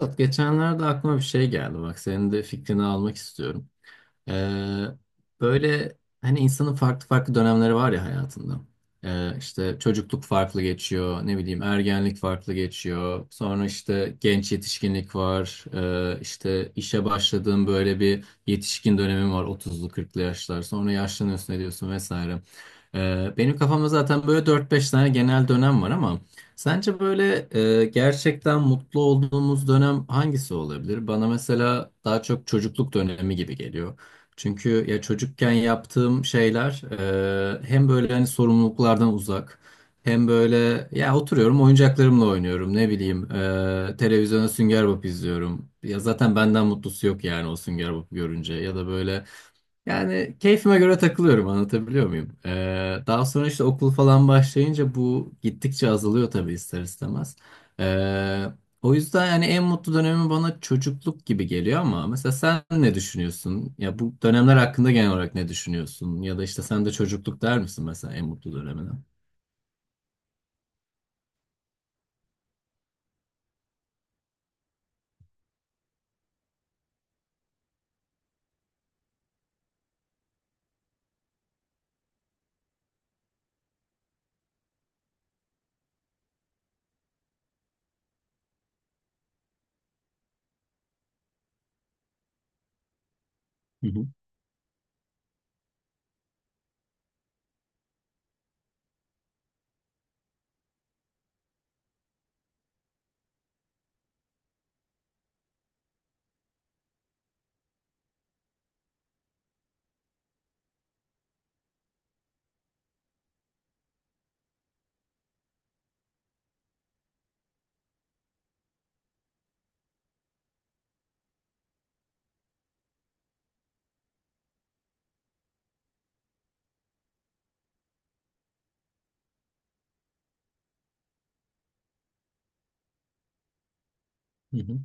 Murat, geçenlerde aklıma bir şey geldi. Bak, senin de fikrini almak istiyorum. Ee, Böyle hani insanın farklı farklı dönemleri var ya hayatında. İşte çocukluk farklı geçiyor, ne bileyim ergenlik farklı geçiyor. Sonra işte genç yetişkinlik var. İşte işe başladığın böyle bir yetişkin dönemin var, otuzlu kırklı yaşlar. Sonra yaşlanıyorsun ediyorsun vesaire. Benim kafamda zaten böyle dört beş tane genel dönem var ama sence böyle gerçekten mutlu olduğumuz dönem hangisi olabilir? Bana mesela daha çok çocukluk dönemi gibi geliyor. Çünkü ya çocukken yaptığım şeyler hem böyle hani sorumluluklardan uzak, hem böyle ya oturuyorum oyuncaklarımla oynuyorum, ne bileyim televizyona Sünger Bob izliyorum. Ya zaten benden mutlusu yok yani o Sünger Bob görünce, ya da böyle yani keyfime göre takılıyorum, anlatabiliyor muyum? Daha sonra işte okul falan başlayınca bu gittikçe azalıyor tabii, ister istemez. Ee, O yüzden yani en mutlu dönemi bana çocukluk gibi geliyor ama mesela sen ne düşünüyorsun? Ya bu dönemler hakkında genel olarak ne düşünüyorsun? Ya da işte sen de çocukluk der misin mesela en mutlu dönemine? Hı hı. Hı hı.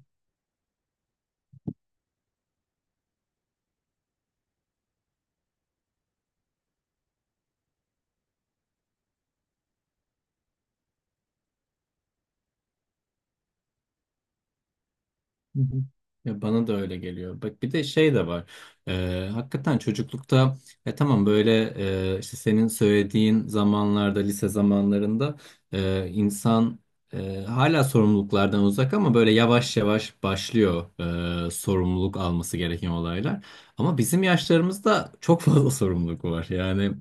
Hı hı. Ya bana da öyle geliyor. Bak, bir de şey de var. Hakikaten çocuklukta, tamam, böyle, işte senin söylediğin zamanlarda, lise zamanlarında insan hala sorumluluklardan uzak ama böyle yavaş yavaş başlıyor sorumluluk alması gereken olaylar. Ama bizim yaşlarımızda çok fazla sorumluluk var. Yani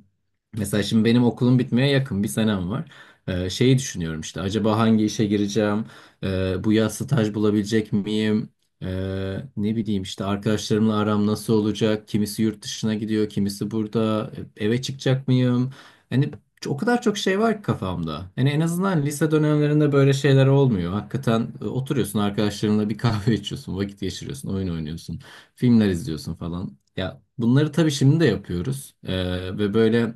mesela şimdi benim okulum bitmeye yakın, bir senem var. Şeyi düşünüyorum, işte acaba hangi işe gireceğim? Bu yaz staj bulabilecek miyim? Ne bileyim, işte arkadaşlarımla aram nasıl olacak? Kimisi yurt dışına gidiyor, kimisi burada. Eve çıkacak mıyım? Hani o kadar çok şey var ki kafamda. Hani en azından lise dönemlerinde böyle şeyler olmuyor. Hakikaten oturuyorsun arkadaşlarınla, bir kahve içiyorsun, vakit geçiriyorsun, oyun oynuyorsun, filmler izliyorsun falan. Ya bunları tabii şimdi de yapıyoruz. Ve böyle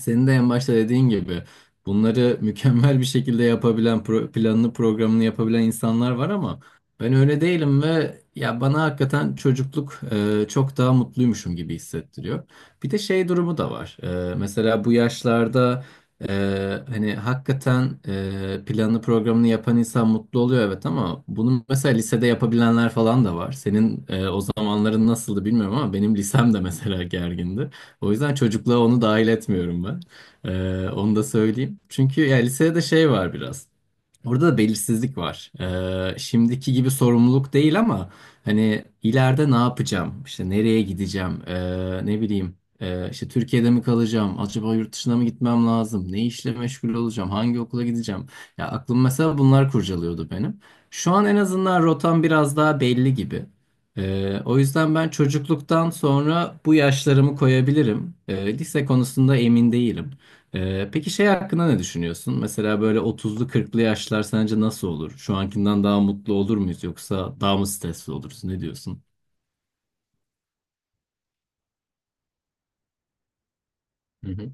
senin de en başta dediğin gibi bunları mükemmel bir şekilde yapabilen, planını programını yapabilen insanlar var ama ben öyle değilim ve ya bana hakikaten çocukluk çok daha mutluymuşum gibi hissettiriyor. Bir de şey durumu da var. Mesela bu yaşlarda hani hakikaten planını programını yapan insan mutlu oluyor, evet, ama bunu mesela lisede yapabilenler falan da var. Senin o zamanların nasıldı bilmiyorum ama benim lisem de mesela gergindi. O yüzden çocukluğa onu dahil etmiyorum ben. Onu da söyleyeyim. Çünkü ya lisede de şey var biraz. Orada da belirsizlik var. Şimdiki gibi sorumluluk değil ama hani ileride ne yapacağım? İşte nereye gideceğim? Ne bileyim. İşte Türkiye'de mi kalacağım? Acaba yurt dışına mı gitmem lazım? Ne işle meşgul olacağım? Hangi okula gideceğim? Ya aklım mesela bunlar kurcalıyordu benim. Şu an en azından rotam biraz daha belli gibi. O yüzden ben çocukluktan sonra bu yaşlarımı koyabilirim. Lise konusunda emin değilim. Peki şey hakkında ne düşünüyorsun? Mesela böyle otuzlu, kırklı yaşlar sence nasıl olur? Şu ankinden daha mutlu olur muyuz yoksa daha mı stresli oluruz? Ne diyorsun? Hı hı.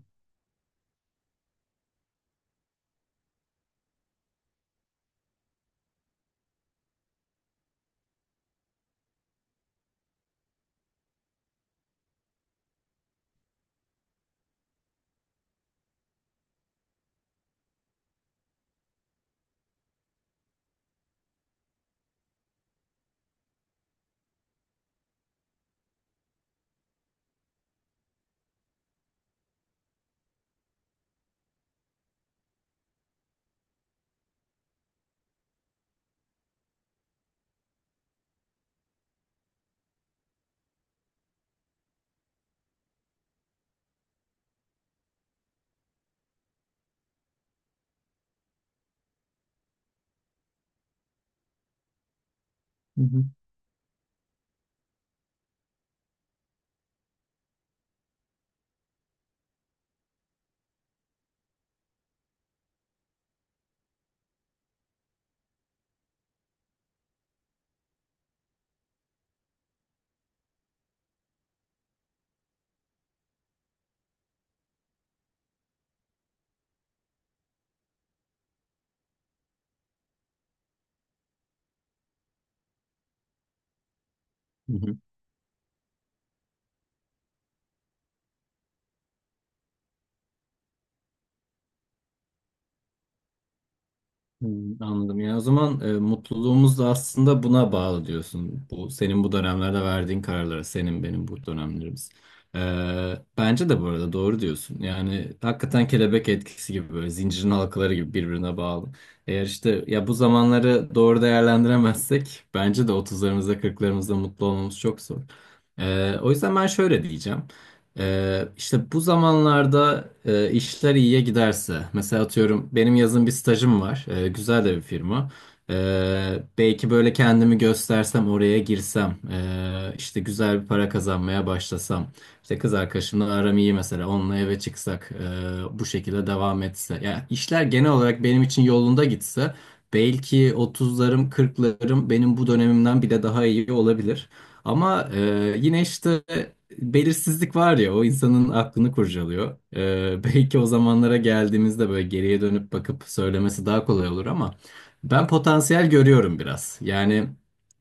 Hı hı. Hı hı. Hmm, anladım. Yani o zaman mutluluğumuz da aslında buna bağlı diyorsun. Bu senin bu dönemlerde verdiğin kararlara, senin benim bu dönemlerimiz. E, Bence de bu arada doğru diyorsun. Yani hakikaten kelebek etkisi gibi, böyle zincirin halkaları gibi birbirine bağlı. Eğer işte ya bu zamanları doğru değerlendiremezsek bence de otuzlarımızda, kırklarımızda mutlu olmamız çok zor. O yüzden ben şöyle diyeceğim. İşte bu zamanlarda işler iyiye giderse, mesela atıyorum benim yazın bir stajım var, güzel de bir firma. Belki böyle kendimi göstersem, oraya girsem, işte güzel bir para kazanmaya başlasam, işte kız arkadaşımla aram iyi mesela, onunla eve çıksak, bu şekilde devam etse, yani işler genel olarak benim için yolunda gitse, belki otuzlarım, kırklarım benim bu dönemimden bile daha iyi olabilir. Ama yine işte belirsizlik var ya, o insanın aklını kurcalıyor. Belki o zamanlara geldiğimizde böyle geriye dönüp bakıp söylemesi daha kolay olur ama ben potansiyel görüyorum biraz. Yani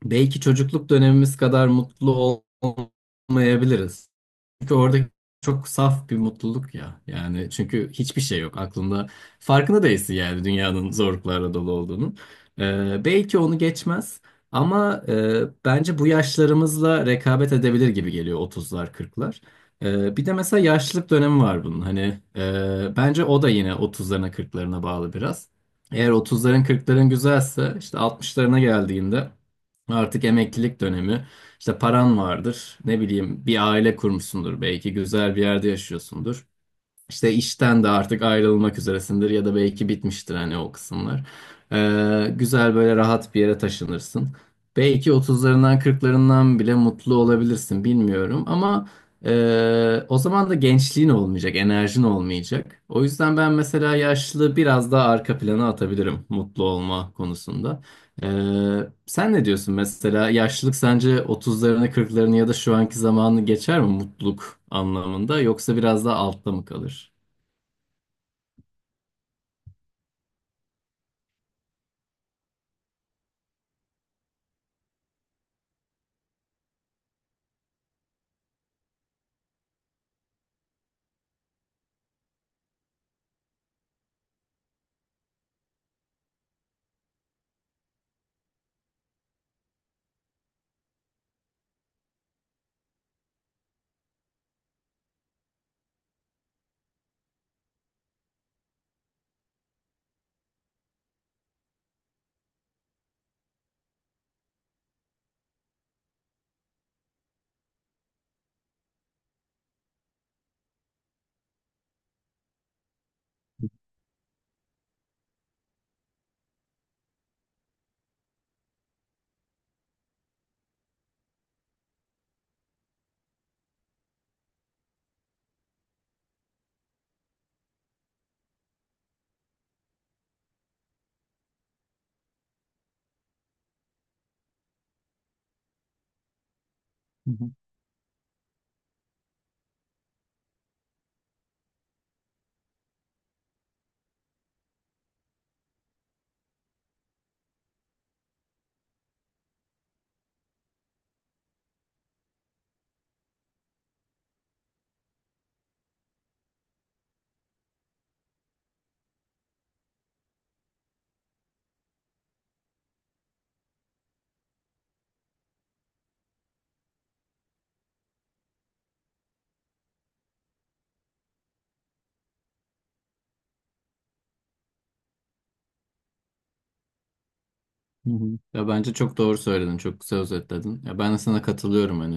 belki çocukluk dönemimiz kadar mutlu olmayabiliriz. Çünkü orada çok saf bir mutluluk ya. Yani çünkü hiçbir şey yok aklında. Farkında değilsin yani dünyanın zorluklarla dolu olduğunun. Belki onu geçmez ama bence bu yaşlarımızla rekabet edebilir gibi geliyor otuzlar, kırklar. Bir de mesela yaşlılık dönemi var bunun. Hani bence o da yine otuzlarına, kırklarına bağlı biraz. Eğer otuzların, kırkların güzelse, işte altmışlarına geldiğinde artık emeklilik dönemi. İşte paran vardır. Ne bileyim, bir aile kurmuşsundur, belki güzel bir yerde yaşıyorsundur. İşte işten de artık ayrılmak üzeresindir ya da belki bitmiştir hani o kısımlar. Güzel, böyle rahat bir yere taşınırsın. Belki otuzlarından kırklarından bile mutlu olabilirsin, bilmiyorum, ama o zaman da gençliğin olmayacak, enerjin olmayacak. O yüzden ben mesela yaşlılığı biraz daha arka plana atabilirim mutlu olma konusunda. Sen ne diyorsun, mesela yaşlılık sence 30'larını, kırklarını ya da şu anki zamanı geçer mi mutluluk anlamında, yoksa biraz daha altta mı kalır? Hı hı. Ya bence çok doğru söyledin, çok güzel özetledin. Ya ben de sana katılıyorum hani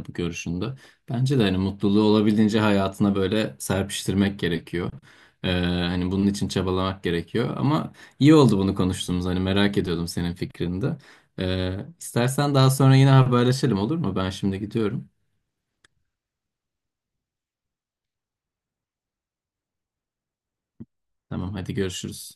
bu görüşünde. Bence de hani mutluluğu olabildiğince hayatına böyle serpiştirmek gerekiyor. E, Hani bunun için çabalamak gerekiyor. Ama iyi oldu bunu konuştuğumuz. Hani merak ediyordum senin fikrini de. İstersen daha sonra yine haberleşelim, olur mu? Ben şimdi gidiyorum. Tamam, hadi görüşürüz.